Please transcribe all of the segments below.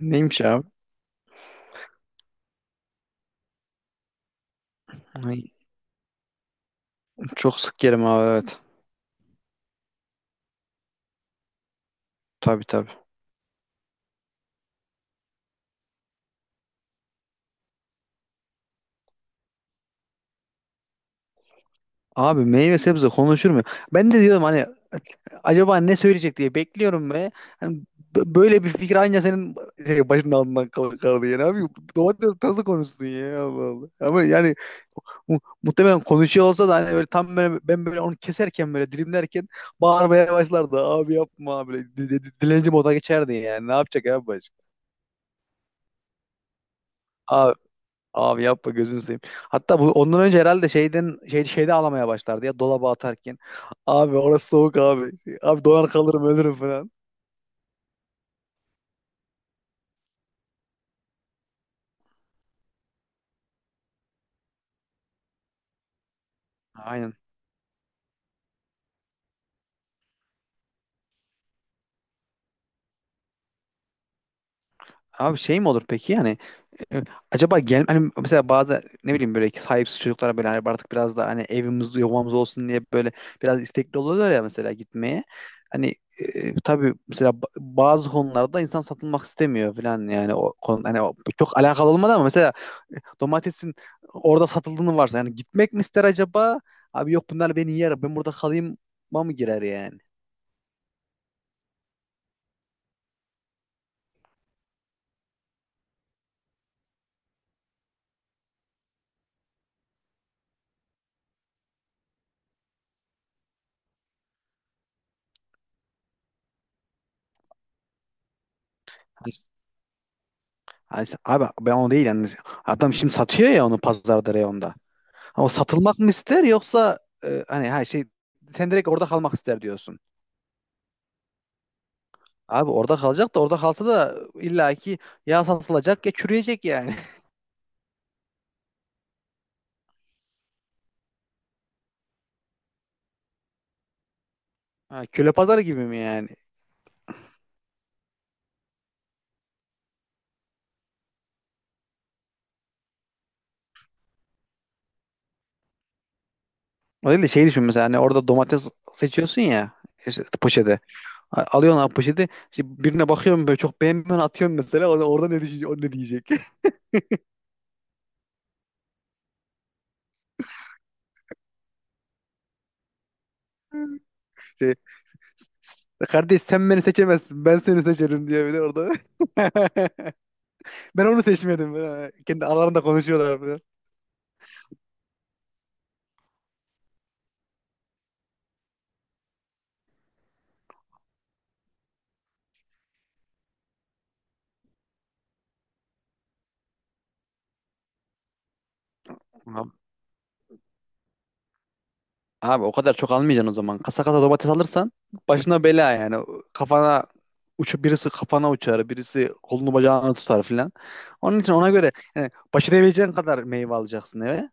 Neymiş abi? Ay, çok sık yerim abi, evet. Tabii tabii. Abi meyve sebze konuşur mu? Ben de diyorum, hani acaba ne söyleyecek diye bekliyorum ve hani böyle bir fikir aynı senin şey, başının altından kaldı yani abi. Domates nasıl konuşsun ya, Allah Allah. Ama yani muhtemelen konuşuyor olsa da, hani böyle tam böyle ben böyle onu keserken, böyle dilimlerken bağırmaya başlardı. Abi yapma abi, böyle dilenci moda geçerdi yani, ne yapacak abi başka. Abi yapma, gözünü seveyim. Hatta bu ondan önce herhalde şeyden şey şeyde ağlamaya başlardı ya, dolaba atarken. Abi orası soğuk abi. Abi donar kalırım, ölürüm falan. Aynen. Abi şey mi olur peki yani, e, acaba gel hani mesela bazı ne bileyim böyle sahipsiz çocuklara böyle, hani artık biraz da hani evimiz yuvamız olsun diye böyle biraz istekli oluyorlar ya mesela gitmeye. Hani tabii mesela bazı konularda insan satılmak istemiyor falan yani, o konu hani o, çok alakalı olmadı ama mesela domatesin orada satıldığını varsa yani, gitmek mi ister acaba? Abi yok, bunlar beni yer. Ben burada kalayım mı girer yani? Hani- Abi ben o değil yani. Adam şimdi satıyor ya onu pazarda reyonda. Ama satılmak mı ister yoksa hani her şey, sen direkt orada kalmak ister diyorsun. Abi orada kalacak da, orada kalsa da illaki ya satılacak ya çürüyecek yani. Ha, köle pazarı gibi mi yani? O değil de şey düşün mesela, hani orada domates seçiyorsun ya, işte poşete. Alıyorsun abi poşeti. İşte birine bakıyorum, böyle çok beğenmiyorsun, atıyorsun mesela. O da orada ne düşünecek? O ne diyecek? Şey, Kardeş sen beni seçemezsin. Ben seni seçerim" diye bir de orada. Ben onu seçmedim. Ha, kendi aralarında konuşuyorlar falan. Abi, o kadar çok almayacaksın o zaman. Kasa kasa domates alırsan başına bela yani. Kafana uçup, birisi kafana uçar, birisi kolunu bacağını tutar filan. Onun için ona göre yani, başarabileceğin kadar meyve alacaksın eve.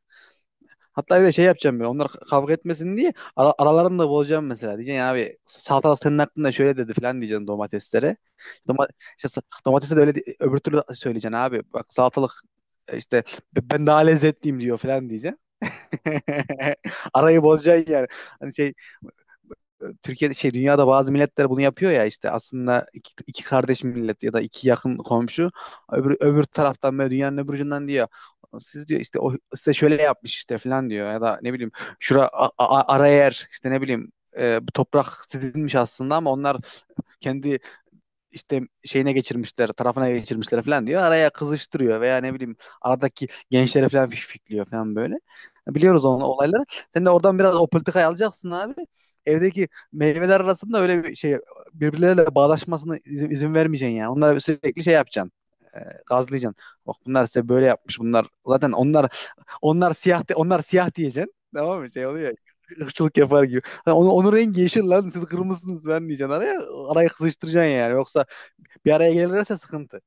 Hatta bir de şey yapacağım ben, onlar kavga etmesin diye aralarını da bozacağım mesela. Diyeceksin ya, abi salatalık senin hakkında şöyle dedi falan diyeceksin domateslere. Doma, işte, domatese de öyle di, öbür türlü söyleyeceksin abi. Bak salatalık işte Ben daha lezzetliyim" diyor falan diyeceksin. Arayı bozacaksın yani. Hani şey, Türkiye'de şey dünyada bazı milletler bunu yapıyor ya, işte aslında iki, iki kardeş millet ya da iki yakın komşu, öbür taraftan böyle, dünyanın öbür ucundan diyor, siz diyor işte o size şöyle yapmış işte falan diyor, ya da ne bileyim şura ara yer işte ne bileyim bu toprak sizinmiş aslında ama onlar kendi işte şeyine geçirmişler, tarafına geçirmişler falan diyor. Araya kızıştırıyor veya ne bileyim, aradaki gençlere falan fişfikliyor falan böyle. Biliyoruz onun olayları. Sen de oradan biraz o politikayı alacaksın abi. Evdeki meyveler arasında öyle bir şey, birbirleriyle bağdaşmasını izin vermeyeceksin yani. Onlara sürekli şey yapacaksın. E, gazlayacaksın. Bak bunlar size böyle yapmış. Bunlar zaten onlar siyah diyeceksin. Tamam mı? Şey oluyor, ırkçılık yapar gibi. Ha, onun rengi yeşil lan, siz kırmızısınız lan diyeceksin araya. Arayı kızıştıracaksın yani. Yoksa bir araya gelirlerse sıkıntı.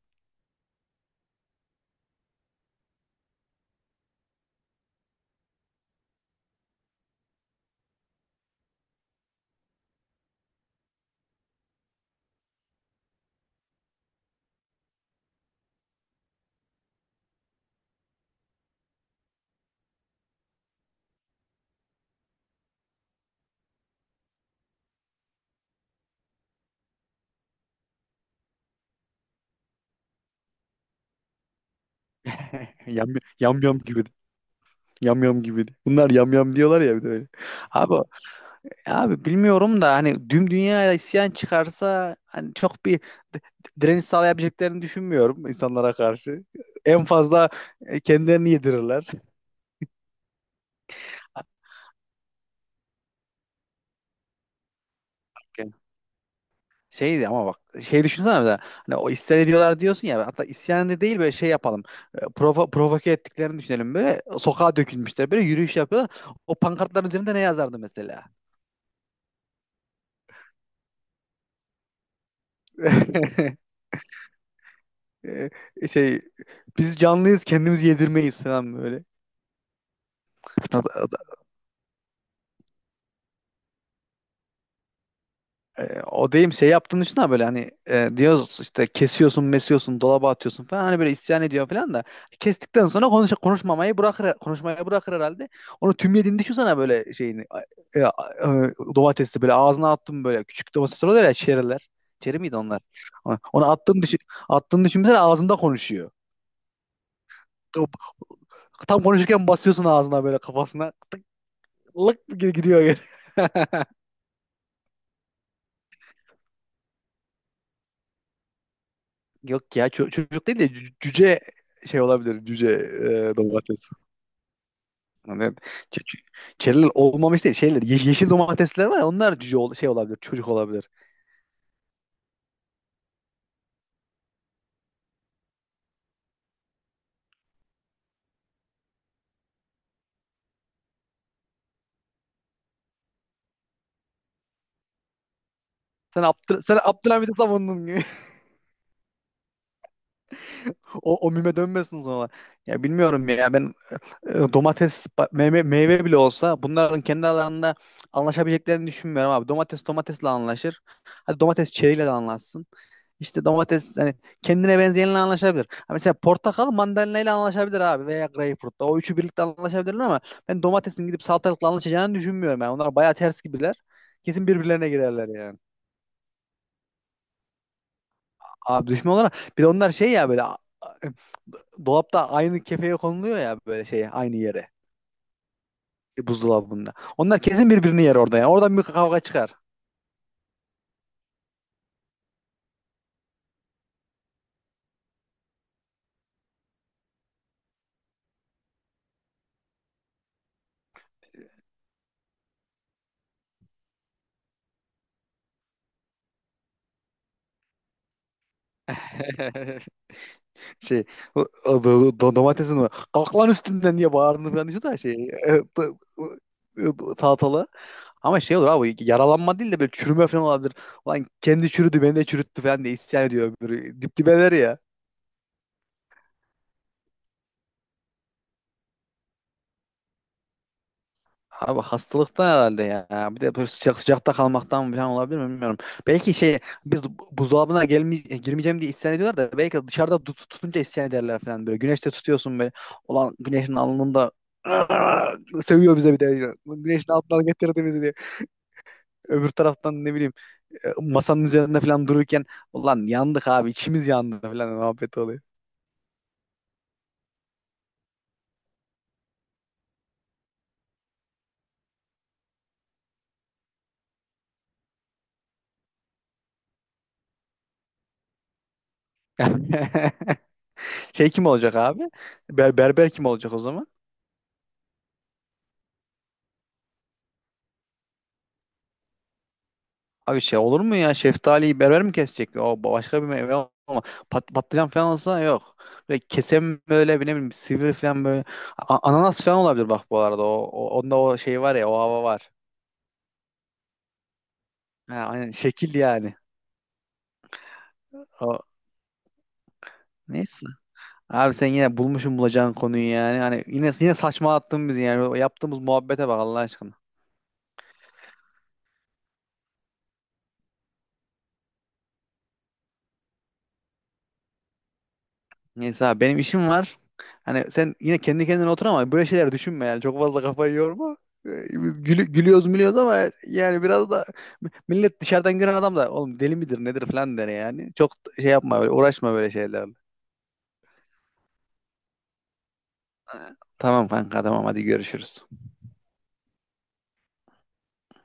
Yam yam yam gibi. Yam yam gibi. Bunlar yam yam diyorlar ya, bir de öyle. Abi abi bilmiyorum da, hani tüm dünyaya isyan çıkarsa hani çok bir d- direniş sağlayabileceklerini düşünmüyorum insanlara karşı. En fazla kendilerini yedirirler. Yani şeydi ama bak, şey düşünsene mesela, hani o isyan ediyorlar diyorsun ya, hatta isyan da değil, böyle şey yapalım, provoke ettiklerini düşünelim. Böyle sokağa dökülmüşler, böyle yürüyüş yapıyorlar, o pankartların üzerinde ne yazardı mesela? Şey, biz canlıyız, kendimiz yedirmeyiz falan böyle. O, da- o, da- O deyim şey yaptığın için, ha böyle hani diyoruz işte kesiyorsun, mesiyorsun, dolaba atıyorsun falan, hani böyle isyan ediyor falan da, kestikten sonra konuşmayı bırakır herhalde. Onu tüm yediğini düşünsene böyle şeyini, e, e, domatesi böyle ağzına attım, böyle küçük domatesler oluyor ya, çeriler. Çeri miydi onlar? Onu attığını düşün, attığını düşünsene, ağzında konuşuyor. Tam konuşurken basıyorsun ağzına, böyle kafasına. Lık gidiyor geri. Yok ya, çocuk değil de, cüce şey olabilir. Cüce domates. Evet. Ç- ç- Çeriler olmamış değil. Şeyler, yeşil domatesler var ya, onlar cüce şey olabilir. Çocuk olabilir. Sen Abdülhamid'i savundun gibi. O, mime dönmesin sonra. Ya bilmiyorum ya, ben meyve bile olsa bunların kendi alanında anlaşabileceklerini düşünmüyorum abi. Domates domatesle anlaşır. Hadi domates çeriyle de anlaşsın. İşte domates hani kendine benzeyenle anlaşabilir. Ha mesela portakal mandalinayla anlaşabilir abi, veya greyfurtla. O üçü birlikte anlaşabilirler ama ben domatesin gidip salatalıkla anlaşacağını düşünmüyorum yani. Onlar bayağı ters gibiler. Kesin birbirlerine girerler yani. Abi düşman olarak, bir de onlar şey ya, böyle dolapta aynı kefeye konuluyor ya, böyle şey aynı yere, buzdolabında. Onlar kesin birbirini yer orada ya. Oradan bir kavga çıkar. Şey, domatesin var. "Kalk lan üstümden" diye bağırdığını falan diyor da, şey, e, do- salatalı. Ama şey olur abi, yaralanma değil de böyle çürüme falan olabilir. Ulan kendi çürüdü, beni de çürüttü falan diye isyan ediyor öbürü. Dip dibeler ya. Abi hastalıktan herhalde ya. Bir de böyle sıcak sıcakta kalmaktan falan olabilir mi, bilmiyorum. Belki şey, biz buzdolabına girmeyeceğim diye isyan ediyorlar da, belki dışarıda tutunca isyan ederler falan böyle. Güneşte tutuyorsun böyle. Ulan güneşin alnında seviyor bize bir de. Güneşin altından getirdi bizi diye. Öbür taraftan ne bileyim masanın üzerinde falan dururken, ulan yandık abi, içimiz yandı falan muhabbet oluyor. Şey kim olacak abi? Berber kim olacak o zaman? Abi şey olur mu ya? Şeftaliyi berber mi kesecek? O başka bir meyve ama patlıcan falan olsa yok. Böyle kesen böyle bir ne bileyim sivri falan böyle. Ananas falan olabilir bak bu arada. O, onda o şey var ya, o hava var. Ha, aynen şekil yani. O, neyse. Abi sen yine bulmuşsun bulacağın konuyu yani. Hani yine yine saçma attın bizi yani. O yaptığımız muhabbete bak, Allah aşkına. Neyse abi, benim işim var. Hani sen yine kendi kendine otur, ama böyle şeyler düşünme yani. Çok fazla kafayı yorma. Ee, biz gülüyoruz gülüyoruz ama, yani biraz da millet, dışarıdan gören adam da oğlum deli midir nedir falan der yani. Çok şey yapma, böyle uğraşma böyle şeylerle. Tamam kanka, tamam, hadi görüşürüz.